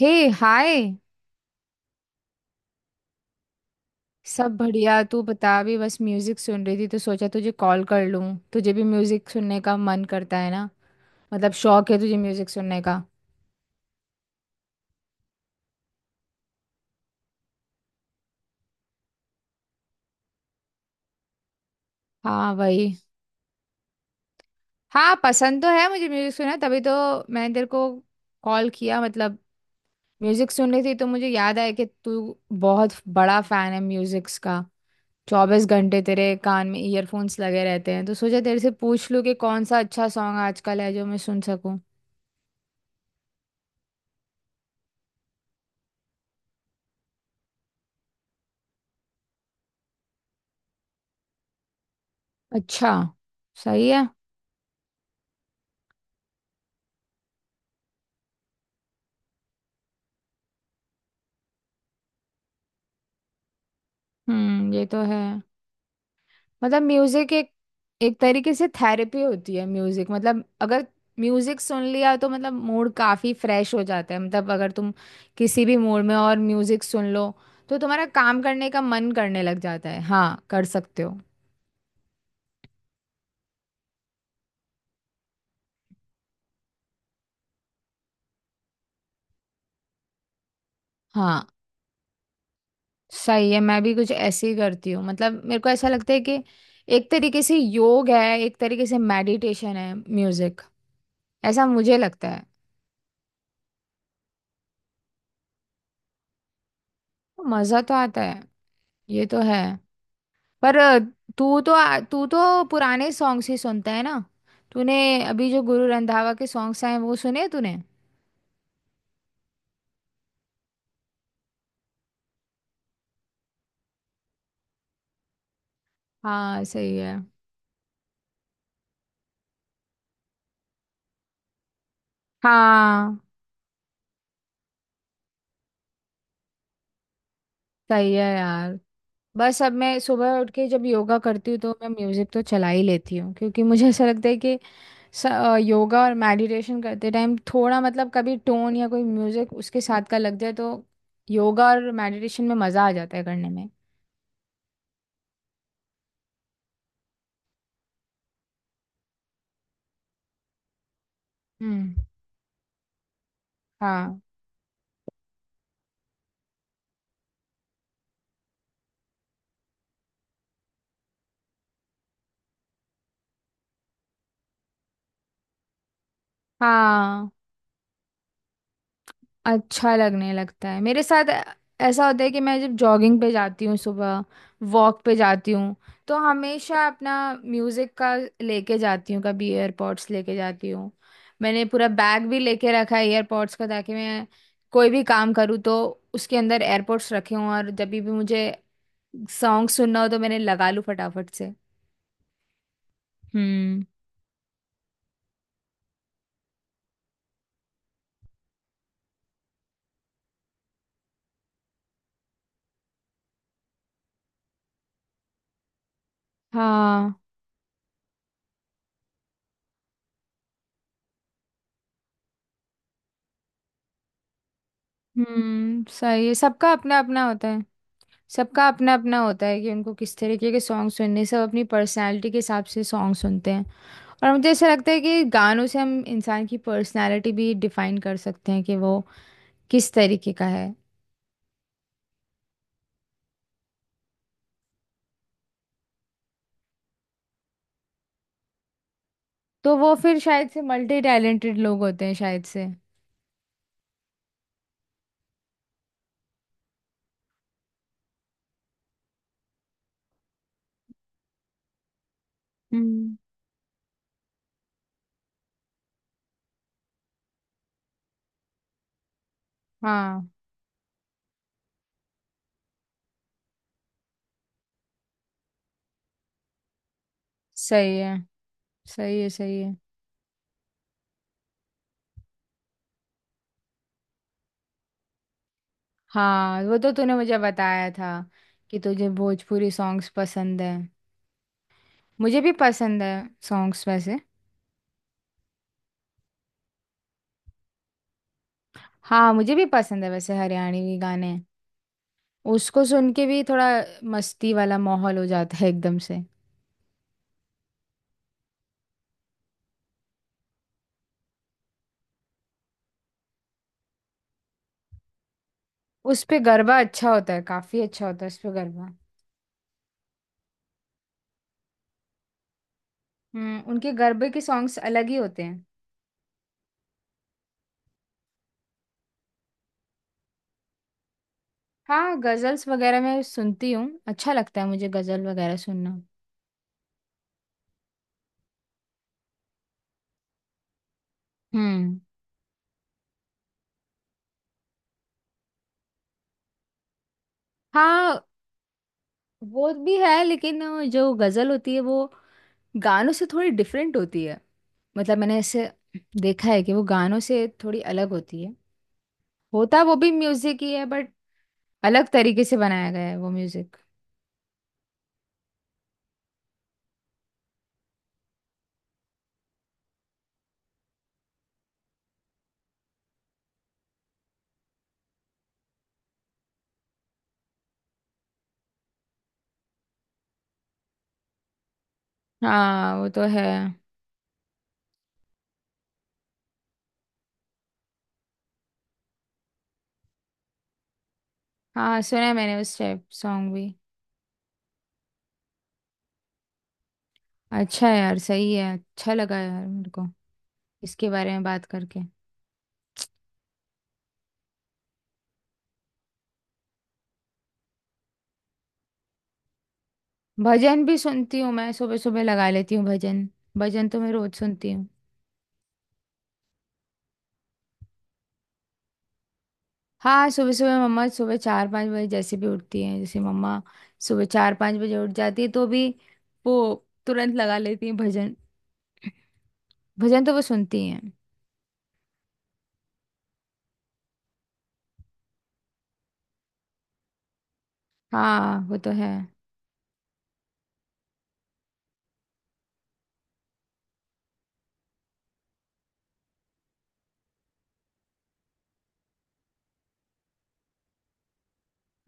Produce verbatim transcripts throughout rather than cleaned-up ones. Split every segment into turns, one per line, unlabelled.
हे। Hi. सब बढ़िया। तू बता, अभी बस म्यूजिक सुन रही थी तो सोचा तुझे कॉल कर लूं। तुझे भी म्यूजिक सुनने का मन करता है ना? मतलब शौक है तुझे म्यूजिक सुनने का? हाँ वही। हाँ, पसंद तो है मुझे म्यूजिक सुनना, तभी तो मैंने तेरे को कॉल किया। मतलब म्यूजिक सुन रही थी तो मुझे याद आया कि तू बहुत बड़ा फैन है म्यूजिक्स का। चौबीस घंटे तेरे कान में ईयरफोन्स लगे रहते हैं, तो सोचा तेरे से पूछ लूं कि कौन सा अच्छा सॉन्ग आजकल है जो मैं सुन सकूं। अच्छा। सही है। हम्म, ये तो है। मतलब म्यूजिक एक एक तरीके से थेरेपी होती है म्यूजिक। मतलब अगर म्यूजिक सुन लिया तो मतलब मूड काफी फ्रेश हो जाता है। मतलब अगर तुम किसी भी मूड में और म्यूजिक सुन लो तो तुम्हारा काम करने का मन करने लग जाता है। हाँ, कर सकते हो। हाँ सही है। मैं भी कुछ ऐसे ही करती हूँ। मतलब मेरे को ऐसा लगता है कि एक तरीके से योग है, एक तरीके से मेडिटेशन है म्यूजिक। ऐसा मुझे लगता है। मजा तो आता है। ये तो है। पर तू तो तू तो पुराने सॉन्ग्स ही सुनता है ना? तूने अभी जो गुरु रंधावा के सॉन्ग्स आए हैं, वो सुने तूने? हाँ सही है। हाँ सही है यार। बस अब मैं सुबह उठ के जब योगा करती हूँ तो मैं म्यूजिक तो चला ही लेती हूँ, क्योंकि मुझे ऐसा लगता है कि स- अ, योगा और मेडिटेशन करते टाइम थोड़ा मतलब कभी टोन या कोई म्यूजिक उसके साथ का लग जाए तो योगा और मेडिटेशन में मजा आ जाता है करने में। हम्म। हाँ। हाँ, अच्छा लगने लगता है मेरे साथ। ऐसा होता है कि मैं जब जॉगिंग पे जाती हूँ सुबह, वॉक पे जाती हूँ, तो हमेशा अपना म्यूजिक का लेके जाती हूँ, कभी एयरपॉड्स लेके जाती हूँ। मैंने पूरा बैग भी लेके रखा है एयरपॉड्स का, ताकि मैं कोई भी काम करूँ तो उसके अंदर एयरपॉड्स रखे हों और जब भी भी मुझे सॉन्ग सुनना हो तो मैंने लगा लूँ फटाफट से। हम्म। हाँ। हम्म सही है, सबका अपना अपना होता है। सबका अपना अपना होता है कि उनको किस तरीके के सॉन्ग सुनने हैं। सब अपनी पर्सनालिटी के हिसाब से सॉन्ग सुनते हैं। और मुझे ऐसा लगता है कि गानों से हम इंसान की पर्सनालिटी भी डिफाइन कर सकते हैं कि वो किस तरीके का है। तो वो फिर शायद से मल्टी टैलेंटेड लोग होते हैं शायद से। हम्म। हाँ सही है। सही है सही है। हाँ वो तो तूने मुझे बताया था कि तुझे भोजपुरी सॉन्ग्स पसंद है। मुझे भी पसंद है सॉन्ग्स वैसे। हाँ मुझे भी पसंद है वैसे हरियाणवी गाने। उसको सुन के भी थोड़ा मस्ती वाला माहौल हो जाता है एकदम से। उस पे गरबा अच्छा होता है, काफी अच्छा होता है उस पे गरबा। हम्म, उनके गरबे के सॉन्ग्स अलग ही होते हैं। हाँ गजल्स वगैरह मैं सुनती हूँ, अच्छा लगता है मुझे गजल वगैरह सुनना। हम्म। हाँ वो भी है, लेकिन जो गजल होती है वो गानों से थोड़ी डिफरेंट होती है। मतलब मैंने ऐसे देखा है कि वो गानों से थोड़ी अलग होती है। होता वो भी म्यूजिक ही है, बट अलग तरीके से बनाया गया है वो म्यूजिक। हाँ वो तो है। हाँ सुना है मैंने, उस टाइप सॉन्ग भी। अच्छा है यार। सही है। अच्छा लगा यार मेरे को इसके बारे में बात करके। भजन भी सुनती हूँ मैं, सुबह सुबह लगा लेती हूँ भजन। भजन तो मैं रोज सुनती हूँ। हाँ सुबह सुबह मम्मा, सुबह चार पाँच बजे जैसे भी उठती हैं, जैसे मम्मा सुबह चार पाँच बजे उठ जाती है तो भी वो तुरंत लगा लेती हैं भजन। भजन तो वो सुनती हैं। हाँ वो तो है।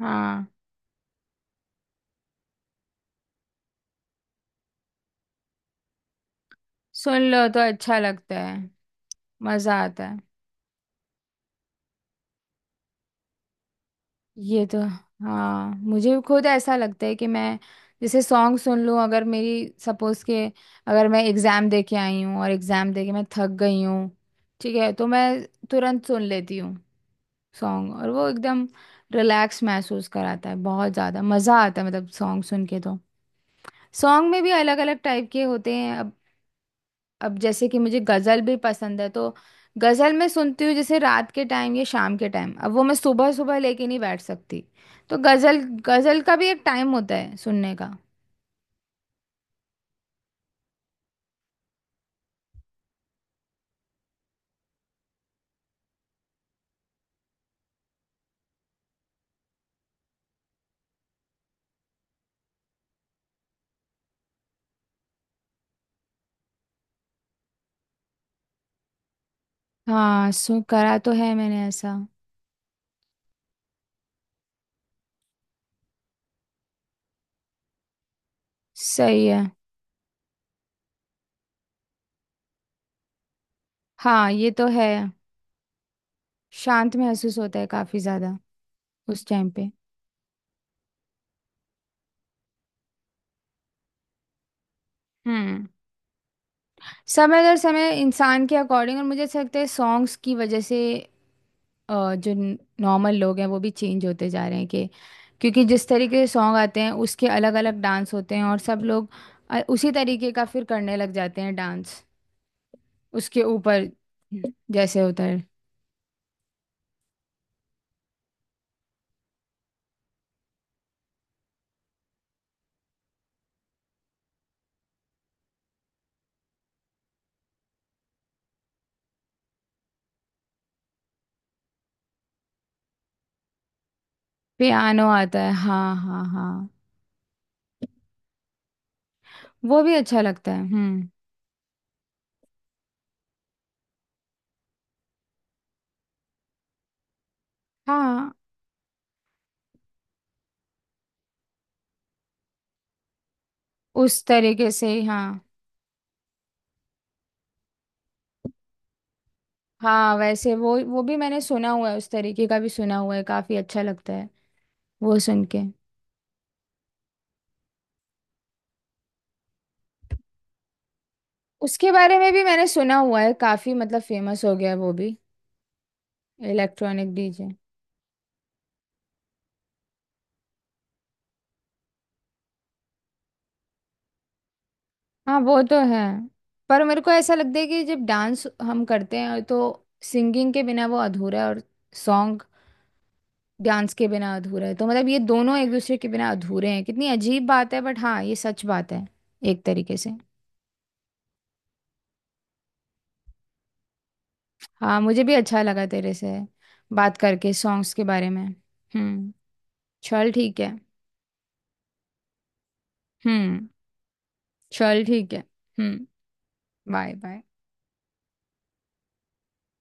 हाँ, सुन लो तो अच्छा लगता है। मज़ा आता है। ये तो। हाँ मुझे खुद ऐसा लगता है कि मैं जैसे सॉन्ग सुन लूँ। अगर मेरी सपोज के, अगर मैं एग्ज़ाम दे के आई हूँ और एग्ज़ाम दे के मैं थक गई हूँ, ठीक है, तो मैं तुरंत सुन लेती हूँ सॉन्ग, और वो एकदम रिलैक्स महसूस कराता है। बहुत ज़्यादा मज़ा आता है मतलब सॉन्ग सुन के तो। सॉन्ग में भी अलग अलग टाइप के होते हैं। अब जैसे कि मुझे गज़ल भी पसंद है तो गज़ल मैं सुनती हूँ जैसे रात के टाइम या शाम के टाइम। अब वो मैं सुबह सुबह लेके नहीं बैठ सकती। तो गज़ल, गज़ल का भी एक टाइम होता है सुनने का। हाँ सु करा तो है मैंने ऐसा। सही है। हाँ ये तो है। शांत महसूस होता है काफ़ी ज़्यादा उस टाइम पे। हम्म। समय दर समय इंसान के अकॉर्डिंग। और मुझे ऐसा लगता है सॉन्ग्स की वजह से अ, जो नॉर्मल लोग हैं वो भी चेंज होते जा रहे हैं कि, क्योंकि जिस तरीके के सॉन्ग आते हैं उसके अलग अलग डांस होते हैं और सब लोग अ, उसी तरीके का फिर करने लग जाते हैं डांस उसके ऊपर, जैसे होता है। पियानो आता है, हाँ हाँ हाँ। वो भी अच्छा लगता है। हम्म। हाँ उस तरीके से, हाँ हाँ। वैसे वो वो भी मैंने सुना हुआ है, उस तरीके का भी सुना हुआ है, काफी अच्छा लगता है वो सुन के। उसके बारे में भी मैंने सुना हुआ है, काफी मतलब फेमस हो गया है वो भी, इलेक्ट्रॉनिक डीजे। हाँ वो तो है। पर मेरे को ऐसा लगता है कि जब डांस हम करते हैं तो सिंगिंग के बिना वो अधूरा है, और सॉन्ग डांस के बिना अधूरा है। तो मतलब ये दोनों एक दूसरे के बिना अधूरे हैं। कितनी अजीब बात है, बट हाँ, ये सच बात है, एक तरीके से। हाँ मुझे भी अच्छा लगा तेरे से बात करके सॉन्ग्स के बारे में। हम्म। चल ठीक है। हम्म। चल ठीक है। हम्म। बाय। बाय